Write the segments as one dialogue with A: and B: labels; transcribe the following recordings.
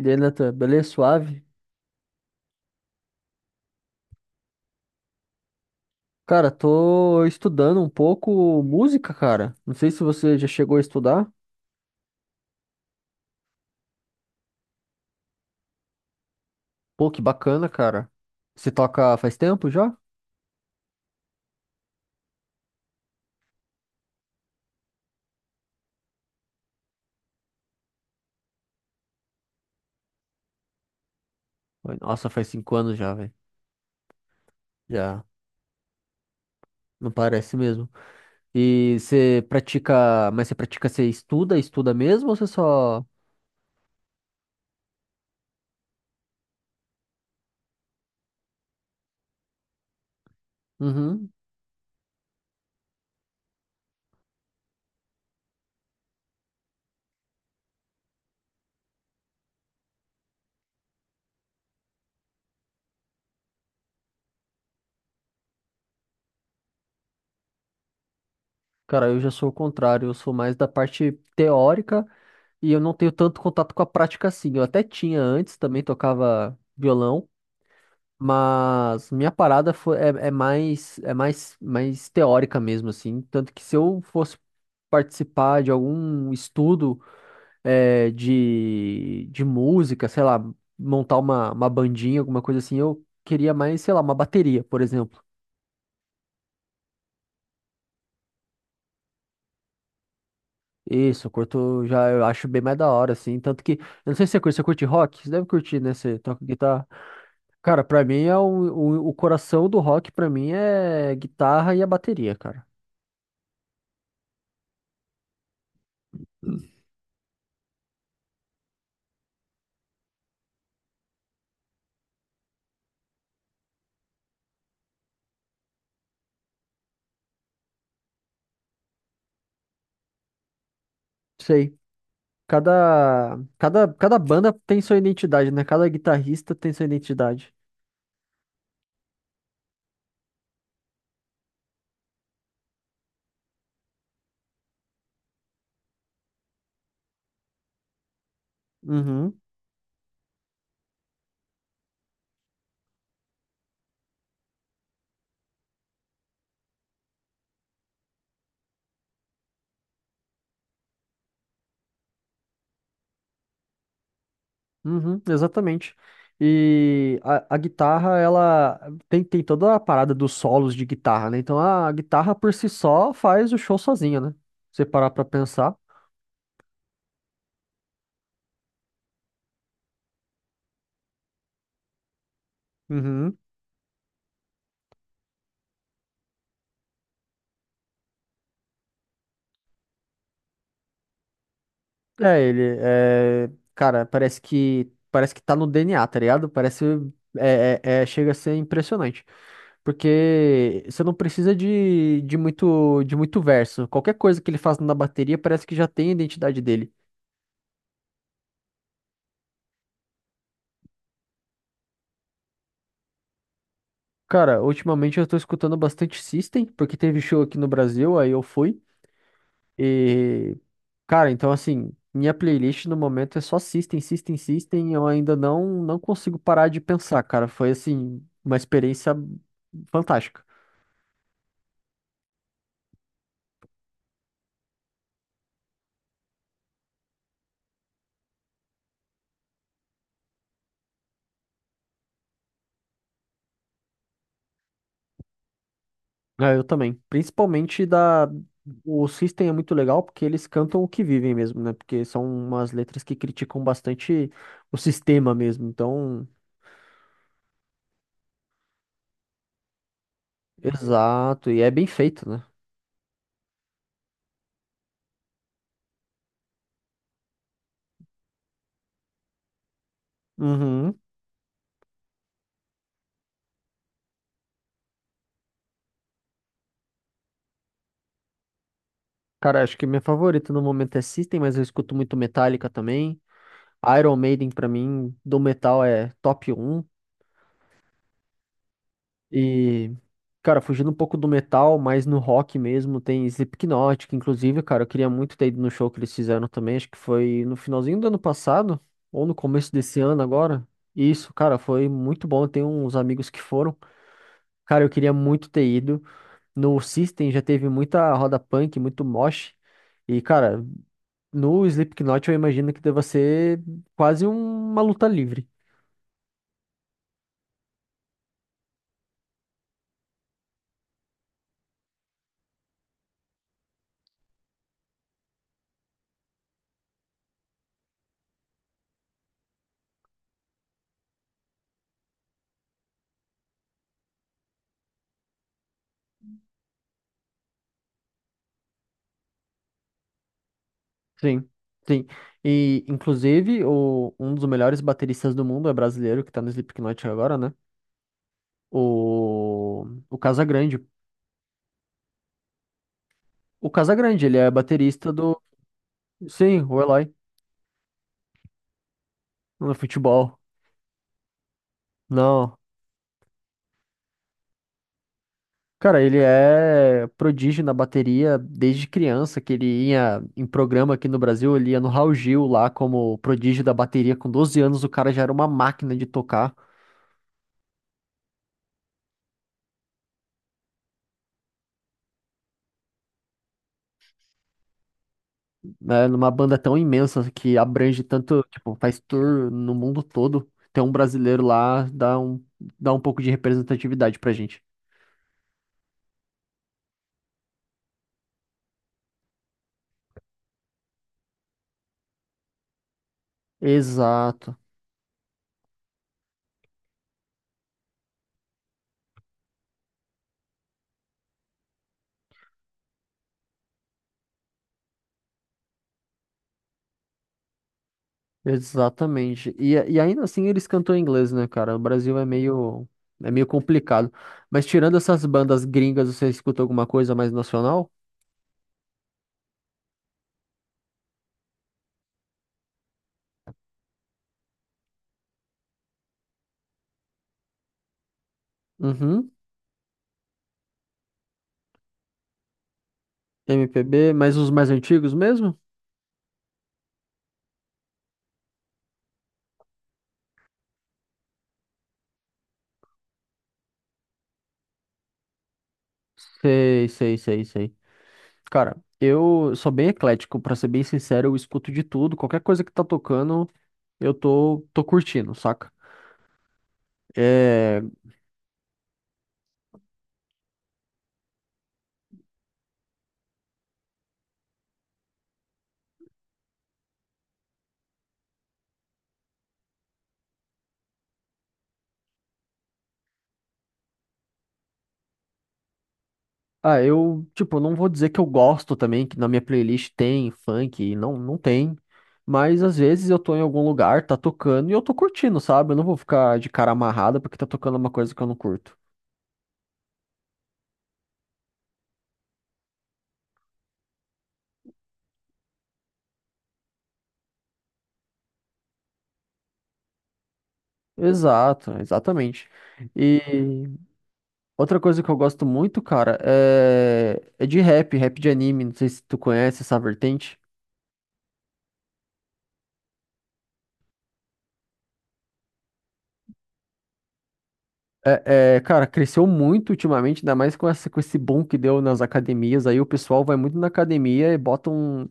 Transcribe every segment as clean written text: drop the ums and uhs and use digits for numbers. A: E aí, Natan, beleza? Suave? Cara, tô estudando um pouco música, cara. Não sei se você já chegou a estudar. Pô, que bacana, cara. Você toca faz tempo já? Oi, nossa, faz 5 anos já, velho. Já, não parece mesmo. E você pratica, você estuda, estuda mesmo ou você só... Uhum. Cara, eu já sou o contrário, eu sou mais da parte teórica e eu não tenho tanto contato com a prática assim. Eu até tinha antes, também tocava violão. Mas minha parada foi, é mais teórica mesmo, assim. Tanto que se eu fosse participar de algum estudo, de música, sei lá, montar uma bandinha, alguma coisa assim, eu queria mais, sei lá, uma bateria, por exemplo. Isso, eu curto, já eu acho bem mais da hora, assim. Tanto que, eu não sei se você curte rock? Você deve curtir, né? Você toca guitarra. Cara, pra mim é o coração do rock, pra mim é guitarra e a bateria, cara. Sei. Cada, cada banda tem sua identidade, né? Cada guitarrista tem sua identidade. Uhum, uhum, exatamente. E a guitarra, ela tem toda a parada dos solos de guitarra, né? Então a guitarra por si só faz o show sozinha, né? Se você parar pra pensar. Uhum. É, ele é. Cara, parece que tá no DNA, tá ligado? Parece. Chega a ser impressionante. Porque você não precisa de muito verso. Qualquer coisa que ele faz na bateria parece que já tem a identidade dele. Cara, ultimamente eu tô escutando bastante System, porque teve show aqui no Brasil, aí eu fui. E, cara, então assim, minha playlist no momento é só System, System, System. Eu ainda não consigo parar de pensar, cara. Foi assim, uma experiência fantástica. É, eu também. Principalmente da. O System é muito legal porque eles cantam o que vivem mesmo, né? Porque são umas letras que criticam bastante o sistema mesmo. Então, exato. E é bem feito, né? Uhum. Cara, acho que minha favorita no momento é System, mas eu escuto muito Metallica também. Iron Maiden, pra mim, do metal é top um. E, cara, fugindo um pouco do metal, mas no rock mesmo, tem Slipknot, que inclusive, cara, eu queria muito ter ido no show que eles fizeram também. Acho que foi no finalzinho do ano passado, ou no começo desse ano agora. Isso, cara, foi muito bom. Eu tenho uns amigos que foram. Cara, eu queria muito ter ido. No System já teve muita roda punk, muito mosh. E, cara, no Slipknot eu imagino que deva ser quase uma luta livre. Sim, sim. E, inclusive, um dos melhores bateristas do mundo é brasileiro, que tá no Slipknot agora, né? O Casagrande. O Casagrande, ele é baterista do. Sim, o Eloy, no futebol. Não. Cara, ele é prodígio na bateria desde criança, que ele ia em programa aqui no Brasil, ele ia no Raul Gil lá como prodígio da bateria. Com 12 anos, o cara já era uma máquina de tocar. Né, numa banda tão imensa que abrange tanto, tipo, faz tour no mundo todo, ter um brasileiro lá dá um pouco de representatividade pra gente. Exato, exatamente. E ainda assim eles cantam em inglês, né, cara? O Brasil é meio complicado. Mas tirando essas bandas gringas, você escuta alguma coisa mais nacional? Uhum, MPB, mas os mais antigos mesmo? Sei, sei, sei, sei. Cara, eu sou bem eclético, pra ser bem sincero, eu escuto de tudo, qualquer coisa que tá tocando, eu tô curtindo, saca? É. Ah, eu, tipo, não vou dizer que eu gosto também, que na minha playlist tem funk, não, não tem. Mas às vezes eu tô em algum lugar, tá tocando e eu tô curtindo, sabe? Eu não vou ficar de cara amarrada porque tá tocando uma coisa que eu não curto. Exato, exatamente. E outra coisa que eu gosto muito, cara, é de rap, rap de anime. Não sei se tu conhece essa vertente. É, é, cara, cresceu muito ultimamente, ainda mais com esse boom que deu nas academias. Aí o pessoal vai muito na academia e bota um,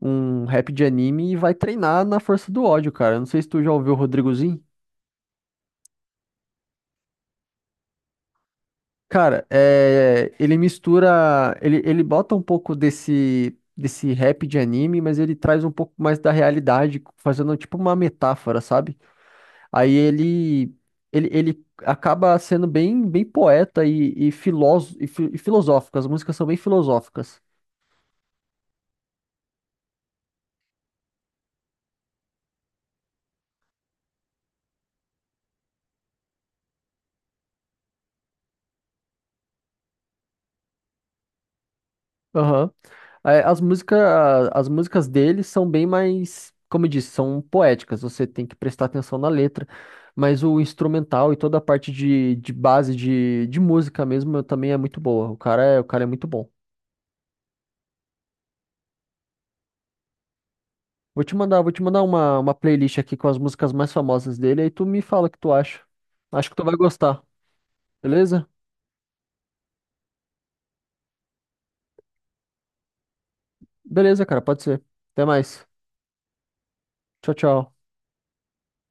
A: um rap de anime e vai treinar na força do ódio, cara. Eu não sei se tu já ouviu o Rodrigozinho. Cara, ele mistura. Ele bota um pouco desse rap de anime, mas ele traz um pouco mais da realidade, fazendo tipo uma metáfora, sabe? Aí ele acaba sendo bem poeta e filosófico. As músicas são bem filosóficas. Aham. É, as músicas dele são bem mais, como eu disse, são poéticas. Você tem que prestar atenção na letra. Mas o instrumental e toda a parte de base de música mesmo também é muito boa. O cara é muito bom. Vou te mandar uma playlist aqui com as músicas mais famosas dele, aí tu me fala o que tu acha. Acho que tu vai gostar, beleza? Beleza, cara, pode ser. Até mais. Tchau, tchau.